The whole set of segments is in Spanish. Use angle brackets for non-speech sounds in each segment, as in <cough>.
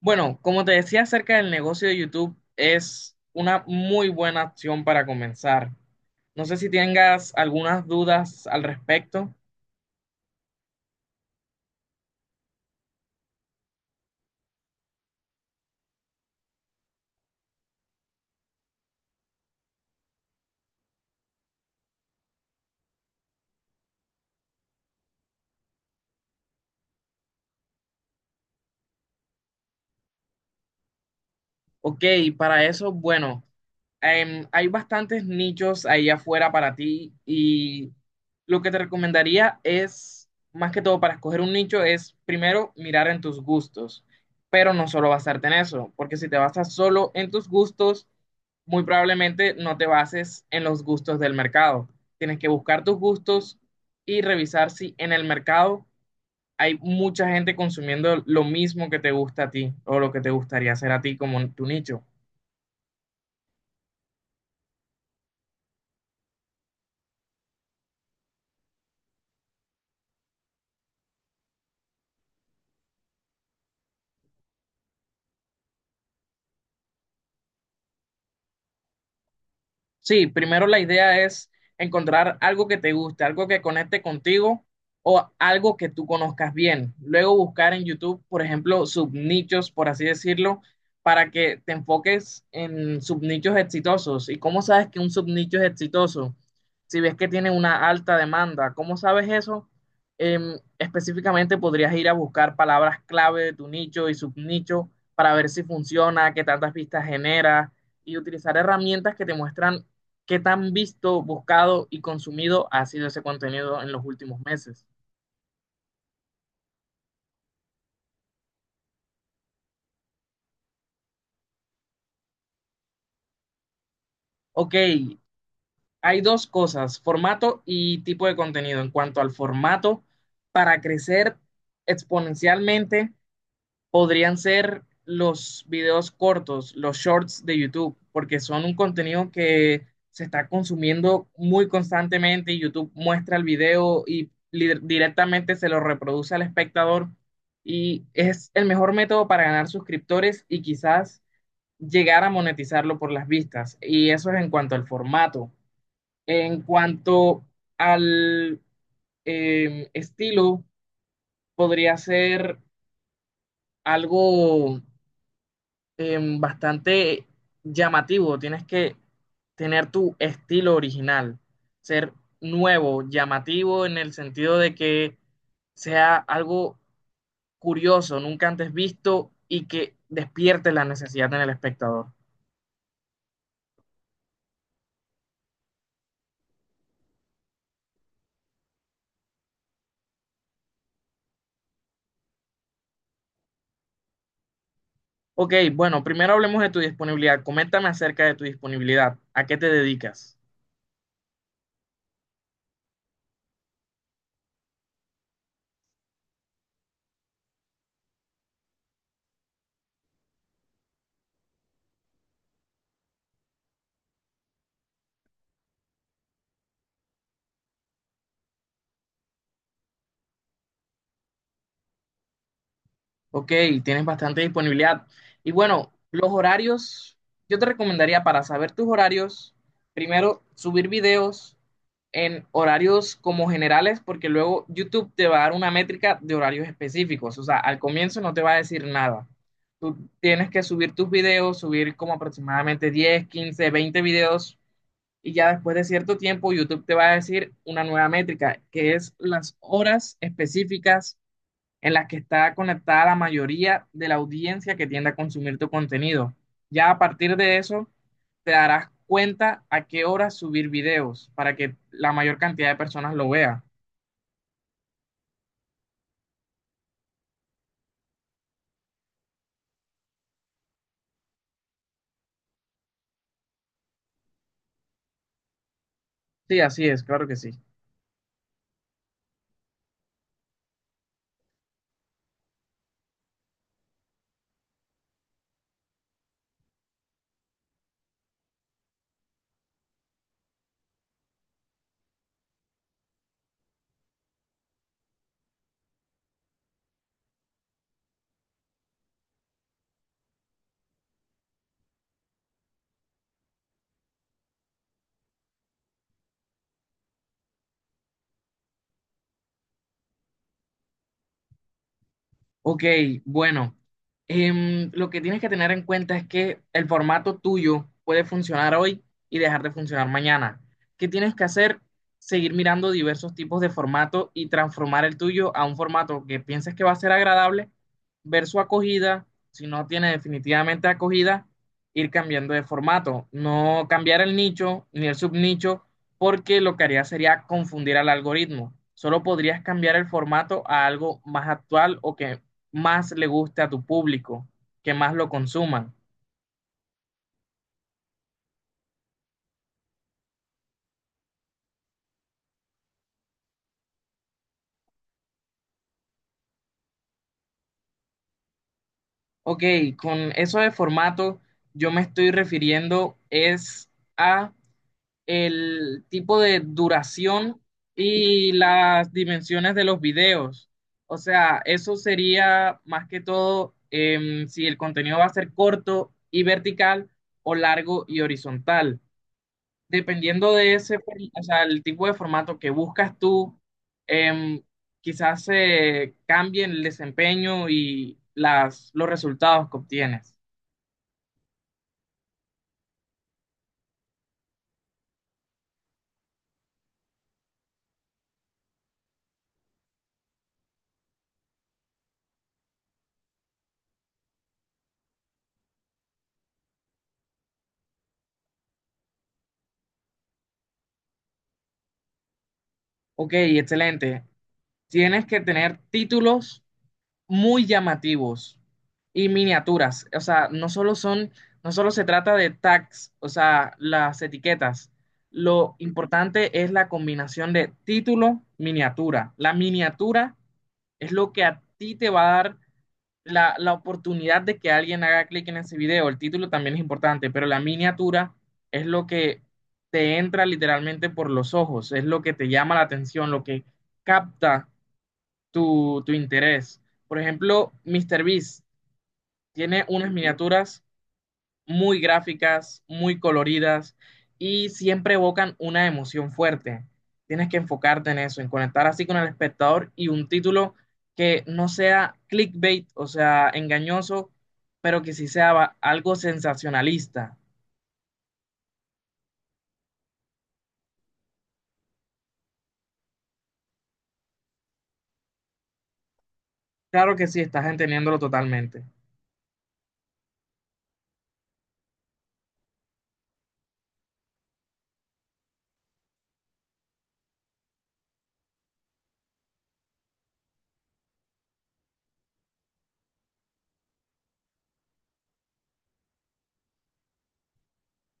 Bueno, como te decía acerca del negocio de YouTube, es una muy buena opción para comenzar. No sé si tengas algunas dudas al respecto. Ok, para eso, bueno, hay bastantes nichos ahí afuera para ti y lo que te recomendaría es, más que todo para escoger un nicho, es primero mirar en tus gustos, pero no solo basarte en eso, porque si te basas solo en tus gustos, muy probablemente no te bases en los gustos del mercado. Tienes que buscar tus gustos y revisar si en el mercado hay mucha gente consumiendo lo mismo que te gusta a ti o lo que te gustaría hacer a ti como tu nicho. Sí, primero la idea es encontrar algo que te guste, algo que conecte contigo o algo que tú conozcas bien. Luego buscar en YouTube, por ejemplo, subnichos, por así decirlo, para que te enfoques en subnichos exitosos. ¿Y cómo sabes que un subnicho es exitoso? Si ves que tiene una alta demanda, ¿cómo sabes eso? Específicamente podrías ir a buscar palabras clave de tu nicho y subnicho para ver si funciona, qué tantas vistas genera y utilizar herramientas que te muestran. ¿Qué tan visto, buscado y consumido ha sido ese contenido en los últimos meses? Ok, hay dos cosas, formato y tipo de contenido. En cuanto al formato, para crecer exponencialmente podrían ser los videos cortos, los shorts de YouTube, porque son un contenido que se está consumiendo muy constantemente y YouTube muestra el video y directamente se lo reproduce al espectador y es el mejor método para ganar suscriptores y quizás llegar a monetizarlo por las vistas. Y eso es en cuanto al formato. En cuanto al estilo, podría ser algo bastante llamativo. Tienes que tener tu estilo original, ser nuevo, llamativo en el sentido de que sea algo curioso, nunca antes visto y que despierte la necesidad en el espectador. Ok, bueno, primero hablemos de tu disponibilidad. Coméntame acerca de tu disponibilidad. ¿A qué te dedicas? Ok, tienes bastante disponibilidad. Y bueno, los horarios, yo te recomendaría para saber tus horarios, primero subir videos en horarios como generales, porque luego YouTube te va a dar una métrica de horarios específicos. O sea, al comienzo no te va a decir nada. Tú tienes que subir tus videos, subir como aproximadamente 10, 15, 20 videos, y ya después de cierto tiempo YouTube te va a decir una nueva métrica, que es las horas específicas en las que está conectada la mayoría de la audiencia que tiende a consumir tu contenido. Ya a partir de eso, te darás cuenta a qué hora subir videos para que la mayor cantidad de personas lo vea. Sí, así es, claro que sí. Ok, bueno, lo que tienes que tener en cuenta es que el formato tuyo puede funcionar hoy y dejar de funcionar mañana. ¿Qué tienes que hacer? Seguir mirando diversos tipos de formato y transformar el tuyo a un formato que pienses que va a ser agradable, ver su acogida, si no tiene definitivamente acogida, ir cambiando de formato, no cambiar el nicho ni el subnicho, porque lo que haría sería confundir al algoritmo. Solo podrías cambiar el formato a algo más actual o que más le guste a tu público, que más lo consuman. Ok, con eso de formato yo me estoy refiriendo es a el tipo de duración y las dimensiones de los videos. O sea, eso sería más que todo si el contenido va a ser corto y vertical o largo y horizontal. Dependiendo de ese, o sea, el tipo de formato que buscas tú, em, quizás se cambie el desempeño y los resultados que obtienes. Ok, excelente. Tienes que tener títulos muy llamativos y miniaturas. O sea, no solo se trata de tags, o sea, las etiquetas. Lo importante es la combinación de título, miniatura. La miniatura es lo que a ti te va a dar la oportunidad de que alguien haga clic en ese video. El título también es importante, pero la miniatura es lo que te entra literalmente por los ojos, es lo que te llama la atención, lo que capta tu interés. Por ejemplo, MrBeast tiene unas miniaturas muy gráficas, muy coloridas y siempre evocan una emoción fuerte. Tienes que enfocarte en eso, en conectar así con el espectador y un título que no sea clickbait, o sea, engañoso, pero que sí sea algo sensacionalista. Claro que sí, estás entendiéndolo totalmente.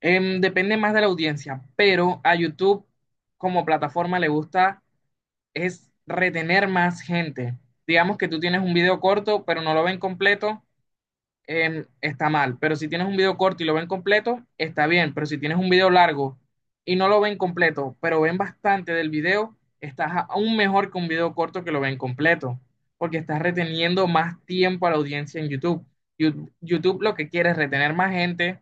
Depende más de la audiencia, pero a YouTube como plataforma le gusta es retener más gente. Digamos que tú tienes un video corto, pero no lo ven completo, está mal. Pero si tienes un video corto y lo ven completo, está bien. Pero si tienes un video largo y no lo ven completo, pero ven bastante del video, estás aún mejor que un video corto que lo ven completo, porque estás reteniendo más tiempo a la audiencia en YouTube. YouTube lo que quiere es retener más gente,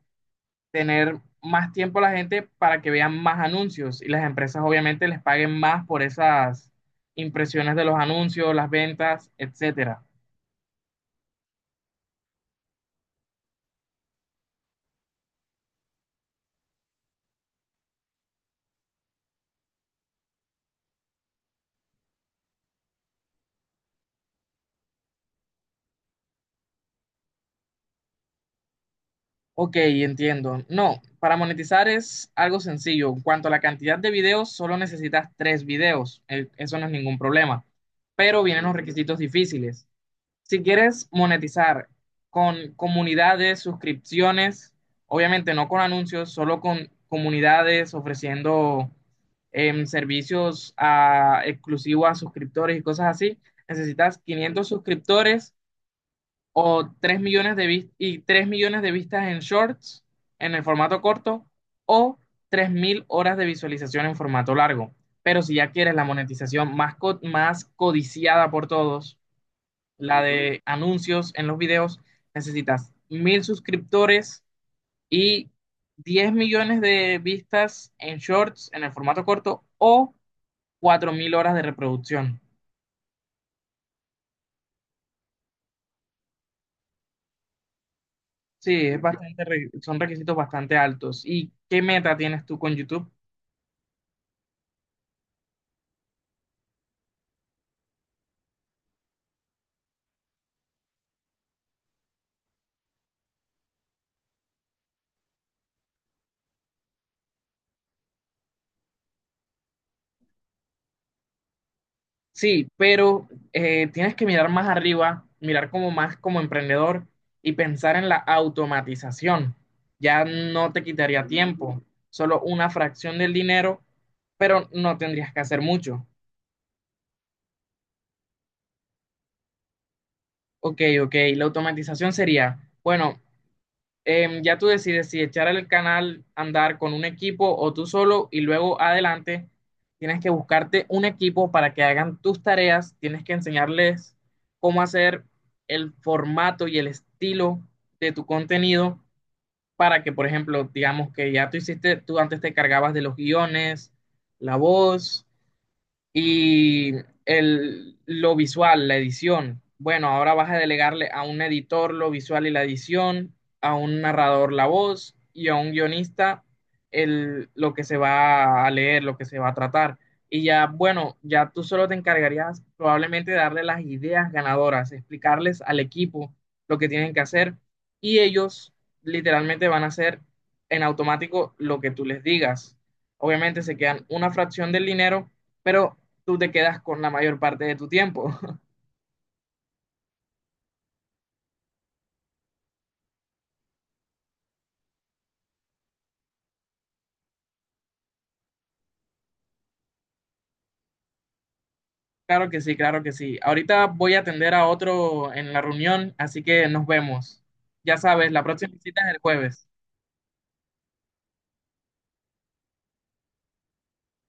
tener más tiempo la gente para que vean más anuncios y las empresas obviamente les paguen más por esas impresiones de los anuncios, las ventas, etcétera. Ok, entiendo. No, para monetizar es algo sencillo. En cuanto a la cantidad de videos, solo necesitas tres videos. Eso no es ningún problema. Pero vienen los requisitos difíciles. Si quieres monetizar con comunidades, suscripciones, obviamente no con anuncios, solo con comunidades ofreciendo servicios exclusivos a suscriptores y cosas así, necesitas 500 suscriptores o 3 millones de vistas en shorts, en el formato corto, o 3.000 horas de visualización en formato largo. Pero si ya quieres la monetización más codiciada por todos, la de anuncios en los videos, necesitas 1.000 suscriptores y 10 millones de vistas en shorts, en el formato corto, o 4.000 horas de reproducción. Sí, es bastante, son requisitos bastante altos. ¿Y qué meta tienes tú con YouTube? Sí, pero tienes que mirar más arriba, mirar como más como emprendedor y pensar en la automatización. Ya no te quitaría tiempo, solo una fracción del dinero, pero no tendrías que hacer mucho. Ok, la automatización sería, bueno, ya tú decides si echar el canal, andar con un equipo o tú solo y luego adelante tienes que buscarte un equipo para que hagan tus tareas, tienes que enseñarles cómo hacer el formato y el estilo de tu contenido para que, por ejemplo, digamos que ya tú hiciste, tú antes te cargabas de los guiones, la voz, y lo visual, la edición. Bueno, ahora vas a delegarle a un editor lo visual y la edición, a un narrador la voz y a un guionista lo que se va a leer, lo que se va a tratar. Y ya, bueno, ya tú solo te encargarías probablemente de darle las ideas ganadoras, explicarles al equipo lo que tienen que hacer y ellos literalmente van a hacer en automático lo que tú les digas. Obviamente se quedan una fracción del dinero, pero tú te quedas con la mayor parte de tu tiempo. <laughs> Claro que sí, claro que sí. Ahorita voy a atender a otro en la reunión, así que nos vemos. Ya sabes, la próxima visita es el jueves.